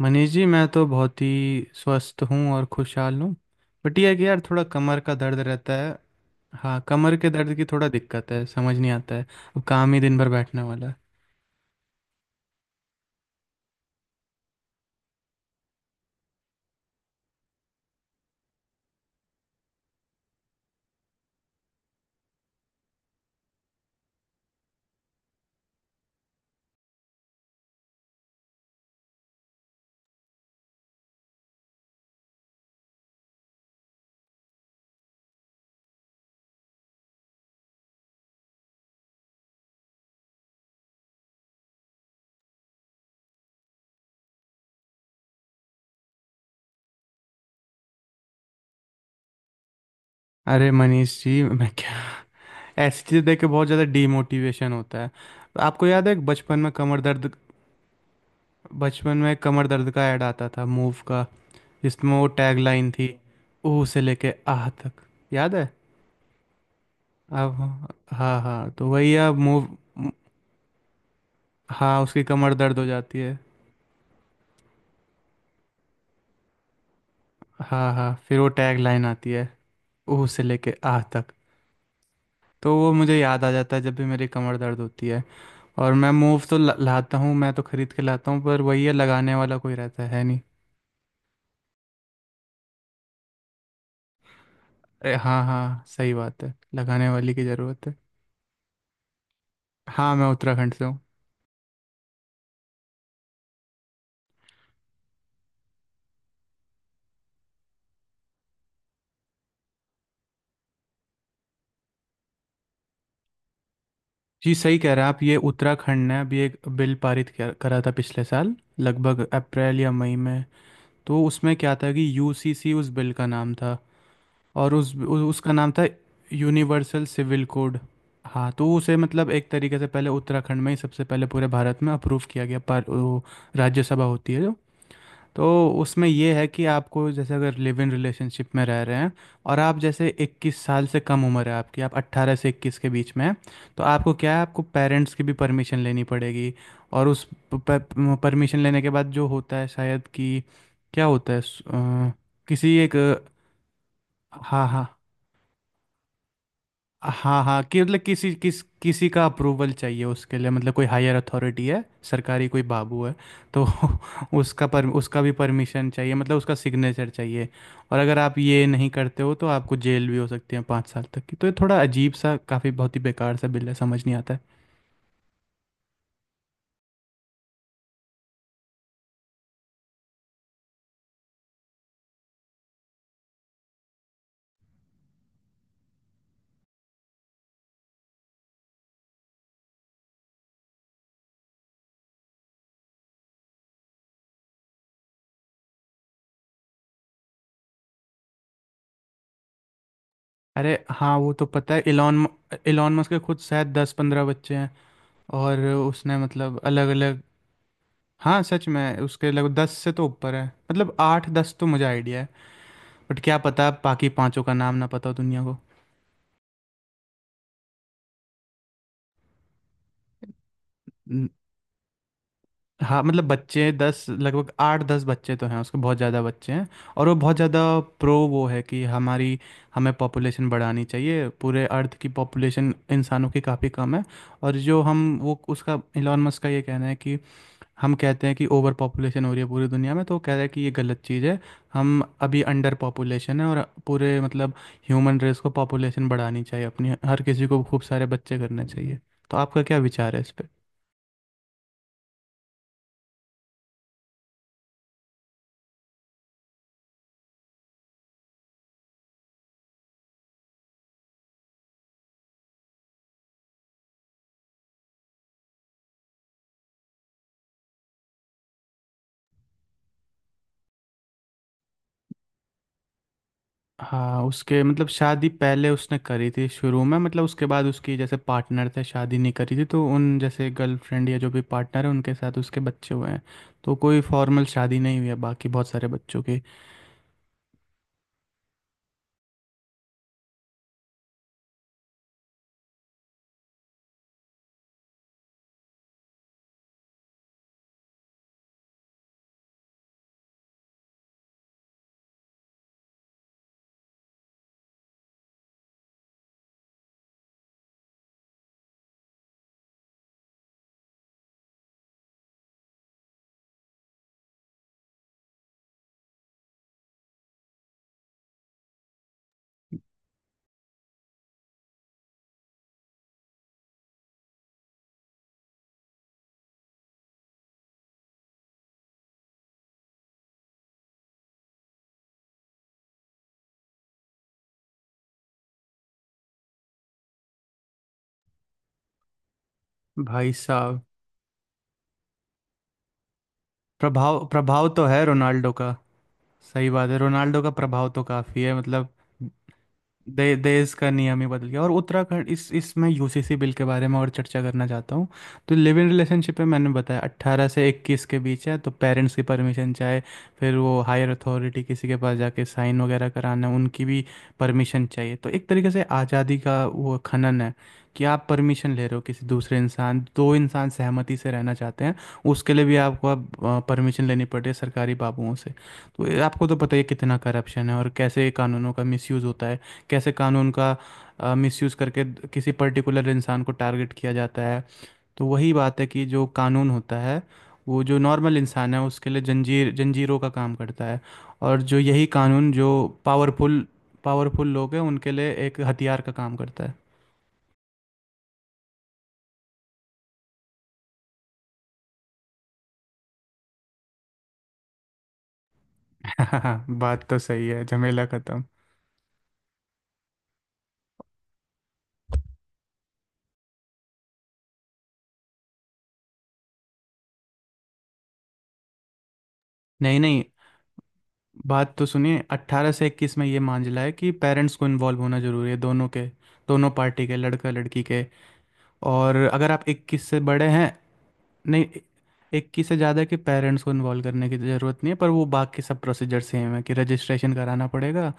मनीष जी मैं तो बहुत ही स्वस्थ हूँ और खुशहाल हूँ। बट ये है कि यार थोड़ा कमर का दर्द रहता है। हाँ, कमर के दर्द की थोड़ा दिक्कत है, समझ नहीं आता है। अब काम ही दिन भर बैठने वाला है। अरे मनीष जी, मैं क्या, ऐसी चीज़ देख के बहुत ज़्यादा डीमोटिवेशन होता है। आपको याद है बचपन में कमर दर्द? बचपन में कमर दर्द का ऐड आता था मूव का, जिसमें वो टैग लाइन थी, ऊ से लेके आह तक। याद है? अब हाँ हाँ, तो वही, अब मूव। हाँ, उसकी कमर दर्द हो जाती है। हाँ हाँ, फिर वो टैग लाइन आती है, ऊ से लेके आह तक। तो वो मुझे याद आ जाता है जब भी मेरी कमर दर्द होती है। और मैं मूव तो लाता हूँ, मैं तो खरीद के लाता हूँ, पर वही है, लगाने वाला कोई रहता है नहीं। अरे हाँ हाँ, सही बात है, लगाने वाली की ज़रूरत है। हाँ, मैं उत्तराखंड से हूँ। जी सही कह रहे हैं आप, ये उत्तराखंड ने अभी एक बिल पारित करा था पिछले साल, लगभग अप्रैल या मई में। तो उसमें क्या था कि यूसीसी उस बिल का नाम था। और उसका नाम था यूनिवर्सल सिविल कोड। हाँ तो उसे मतलब एक तरीके से पहले उत्तराखंड में ही सबसे पहले पूरे भारत में अप्रूव किया गया, पर वो राज्यसभा होती है जो। तो उसमें ये है कि आपको, जैसे अगर लिव इन रिलेशनशिप में रह रहे हैं और आप जैसे 21 साल से कम उम्र है आपकी, आप 18 से 21 के बीच में हैं, तो आपको क्या है, आपको पेरेंट्स की भी परमिशन लेनी पड़ेगी। और उस परमिशन लेने के बाद जो होता है, शायद कि क्या होता है, किसी एक, हाँ हाँ हाँ हाँ, कि मतलब किसी का अप्रूवल चाहिए उसके लिए, मतलब कोई हायर अथॉरिटी है, सरकारी कोई बाबू है। तो उसका पर उसका भी परमिशन चाहिए, मतलब उसका सिग्नेचर चाहिए। और अगर आप ये नहीं करते हो तो आपको जेल भी हो सकती है 5 साल तक की। तो ये थोड़ा अजीब सा, काफ़ी बहुत ही बेकार सा बिल है, समझ नहीं आता है। अरे हाँ, वो तो पता है। इलॉन इलॉन मस्क के खुद शायद दस पंद्रह बच्चे हैं, और उसने मतलब अलग अलग। हाँ सच में, उसके लगभग दस से तो ऊपर है, मतलब आठ दस तो मुझे आइडिया है, बट क्या पता बाकी पांचों का नाम ना पता हो दुनिया को। न- हाँ, मतलब बच्चे दस, लगभग आठ दस बच्चे तो हैं उसके, बहुत ज़्यादा बच्चे हैं। और वो बहुत ज़्यादा प्रो वो है कि हमारी, हमें पॉपुलेशन बढ़ानी चाहिए, पूरे अर्थ की पॉपुलेशन इंसानों की काफ़ी कम है। और जो हम वो उसका इलॉन मस्क का ये कहना है कि, हम कहते हैं कि ओवर पॉपुलेशन हो रही है पूरी दुनिया में, तो वो कह रहे हैं कि ये गलत चीज़ है, हम अभी अंडर पॉपुलेशन है। और पूरे मतलब ह्यूमन रेस को पॉपुलेशन बढ़ानी चाहिए अपनी, हर किसी को खूब सारे बच्चे करने चाहिए। तो आपका क्या विचार है इस पे? हाँ, उसके मतलब शादी पहले उसने करी थी शुरू में, मतलब उसके बाद उसकी जैसे पार्टनर थे, शादी नहीं करी थी, तो उन जैसे गर्लफ्रेंड या जो भी पार्टनर है उनके साथ उसके बच्चे हुए हैं। तो कोई फॉर्मल शादी नहीं हुई है बाकी बहुत सारे बच्चों की। भाई साहब, प्रभाव प्रभाव तो है रोनाल्डो का, सही बात है, रोनाल्डो का प्रभाव तो काफ़ी है मतलब। देश का नियम ही बदल गया। और उत्तराखंड इस इसमें यूसीसी बिल के बारे में और चर्चा करना चाहता हूँ। तो लिव इन रिलेशनशिप में मैंने बताया 18 से 21 के बीच है तो पेरेंट्स की परमिशन चाहे, फिर वो हायर अथॉरिटी किसी के पास जाके साइन वगैरह कराना है, उनकी भी परमिशन चाहिए। तो एक तरीके से आज़ादी का वो खनन है, कि आप परमिशन ले रहे हो, किसी दूसरे इंसान, दो इंसान सहमति से रहना चाहते हैं, उसके लिए भी आपको अब परमिशन लेनी पड़ती है सरकारी बाबुओं से। तो ये आपको तो पता ही है कितना करप्शन है और कैसे कानूनों का मिसयूज़ होता है, कैसे कानून का मिसयूज़ करके किसी पर्टिकुलर इंसान को टारगेट किया जाता है। तो वही बात है कि जो कानून होता है वो जो नॉर्मल इंसान है उसके लिए जंजीरों का काम करता है, और जो यही कानून जो पावरफुल पावरफुल लोग हैं उनके लिए एक हथियार का काम करता है। बात तो सही है, झमेला खत्म। नहीं नहीं, बात तो सुनिए, 18 से 21 में ये मांझला है कि पेरेंट्स को इन्वॉल्व होना जरूरी है, दोनों के, दोनों पार्टी के, लड़का लड़की के। और अगर आप 21 से बड़े हैं, नहीं, एक की से ज़्यादा के पेरेंट्स को इन्वॉल्व करने की ज़रूरत नहीं है, पर वो बाकी सब प्रोसीजर सेम है, कि रजिस्ट्रेशन कराना पड़ेगा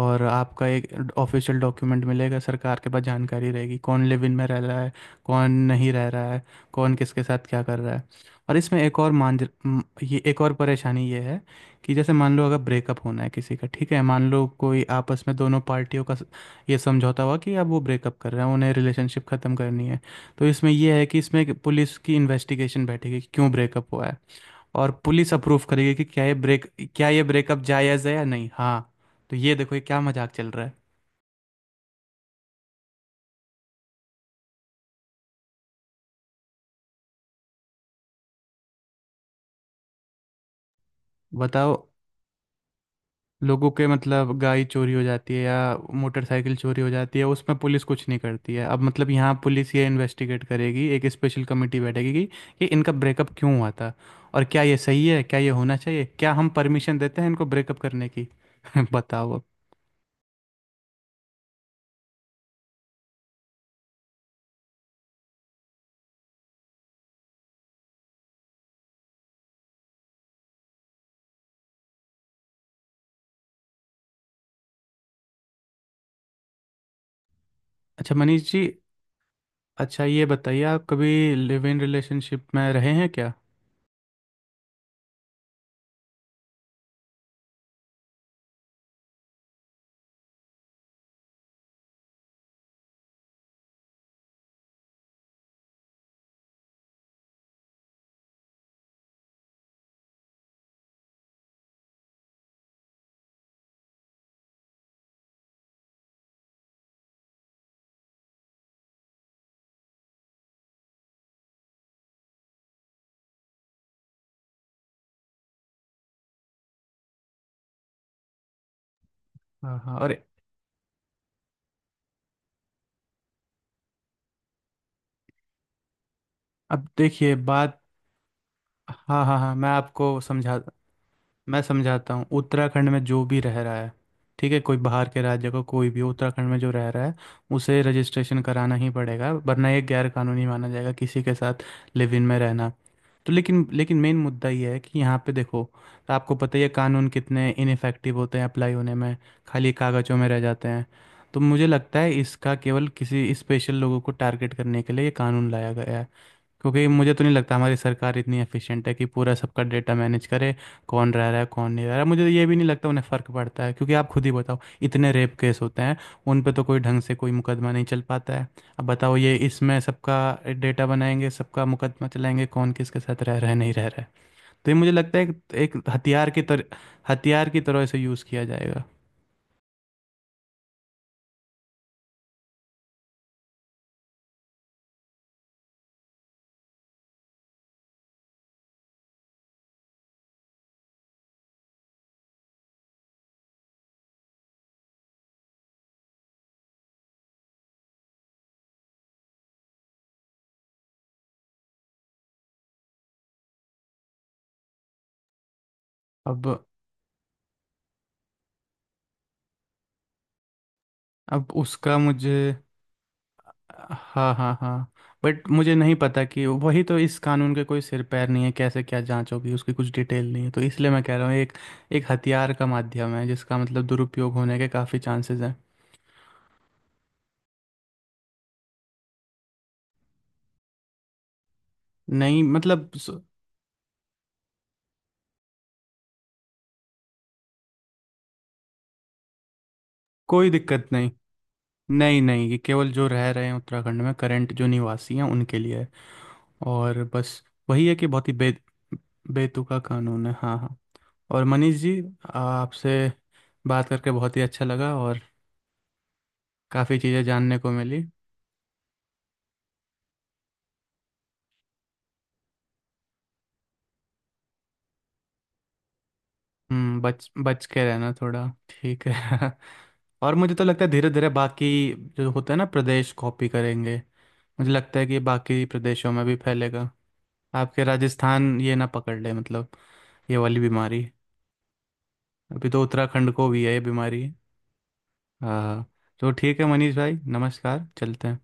और आपका एक ऑफिशियल डॉक्यूमेंट मिलेगा, सरकार के पास जानकारी रहेगी कौन लिव इन में रह रहा है, कौन नहीं रह रहा है, कौन किसके साथ क्या कर रहा है। और इसमें एक और मान, ये एक और परेशानी ये है, कि जैसे मान लो अगर ब्रेकअप होना है किसी का, ठीक है, मान लो कोई आपस में दोनों पार्टियों का ये समझौता हुआ कि अब वो ब्रेकअप कर रहे हैं, उन्हें रिलेशनशिप ख़त्म करनी है। तो इसमें यह है कि इसमें एक पुलिस की इन्वेस्टिगेशन बैठेगी कि क्यों ब्रेकअप हुआ है, और पुलिस अप्रूव करेगी कि क्या ये ब्रेकअप जायज़ है या नहीं। हाँ, तो ये देखो ये क्या मजाक चल रहा है। बताओ, लोगों के, मतलब गाय चोरी हो जाती है या मोटरसाइकिल चोरी हो जाती है उसमें पुलिस कुछ नहीं करती है, अब मतलब यहाँ पुलिस ये इन्वेस्टिगेट करेगी, एक स्पेशल कमेटी बैठेगी कि इनका ब्रेकअप क्यों हुआ था और क्या ये सही है, क्या ये होना चाहिए, क्या हम परमिशन देते हैं इनको ब्रेकअप करने की। बताओ अब। अच्छा मनीष जी, अच्छा ये बताइए, आप कभी लिव इन रिलेशनशिप में रहे हैं क्या? हाँ हाँ, और अब देखिए बात, हाँ हाँ हाँ, मैं समझाता हूँ। उत्तराखंड में जो भी रह रहा है, ठीक है, कोई बाहर के राज्य का, कोई भी उत्तराखंड में जो रह रहा है उसे रजिस्ट्रेशन कराना ही पड़ेगा, वरना ये गैर कानूनी माना जाएगा किसी के साथ लिव इन में रहना। तो लेकिन लेकिन मेन मुद्दा ये है कि यहाँ पे देखो, तो आपको पता ही है कानून कितने इनफेक्टिव होते हैं अप्लाई होने में, खाली कागजों में रह जाते हैं। तो मुझे लगता है इसका केवल किसी स्पेशल लोगों को टारगेट करने के लिए ये कानून लाया गया है, क्योंकि मुझे तो नहीं लगता हमारी सरकार इतनी एफिशिएंट है कि पूरा सबका डेटा मैनेज करे, कौन रह रहा है कौन नहीं रह रहा है। मुझे तो ये भी नहीं लगता उन्हें फ़र्क पड़ता है, क्योंकि आप खुद ही बताओ, इतने रेप केस होते हैं उन पे तो कोई ढंग से कोई मुकदमा नहीं चल पाता है, अब बताओ ये इसमें सबका डेटा बनाएंगे, सबका मुकदमा चलाएंगे कौन किसके साथ रह रहा है नहीं रह रहा है। तो ये मुझे लगता है एक हथियार की तरह इसे यूज़ किया जाएगा। अब अब उसका मुझे, हाँ हाँ हाँ, बट मुझे नहीं पता, कि वही तो, इस कानून के कोई सिर पैर नहीं है, कैसे क्या जांच होगी उसकी कुछ डिटेल नहीं है, तो इसलिए मैं कह रहा हूँ एक एक हथियार का माध्यम है जिसका मतलब दुरुपयोग होने के काफ़ी चांसेस हैं। नहीं मतलब कोई दिक्कत नहीं। नहीं नहीं, ये केवल जो रह रहे हैं उत्तराखंड में करंट जो निवासी हैं उनके लिए है, और बस वही है कि बहुत ही बे बेतुका कानून है। हाँ हाँ। और मनीष जी आपसे बात करके बहुत ही अच्छा लगा, और काफ़ी चीज़ें जानने को मिली। बच बच के रहना थोड़ा ठीक है। और मुझे तो लगता है धीरे धीरे बाकी जो होता है ना प्रदेश कॉपी करेंगे, मुझे लगता है कि बाकी प्रदेशों में भी फैलेगा, आपके राजस्थान ये ना पकड़ ले, मतलब ये वाली बीमारी। अभी तो उत्तराखंड को भी है ये बीमारी। हाँ, तो ठीक है मनीष भाई, नमस्कार, चलते हैं।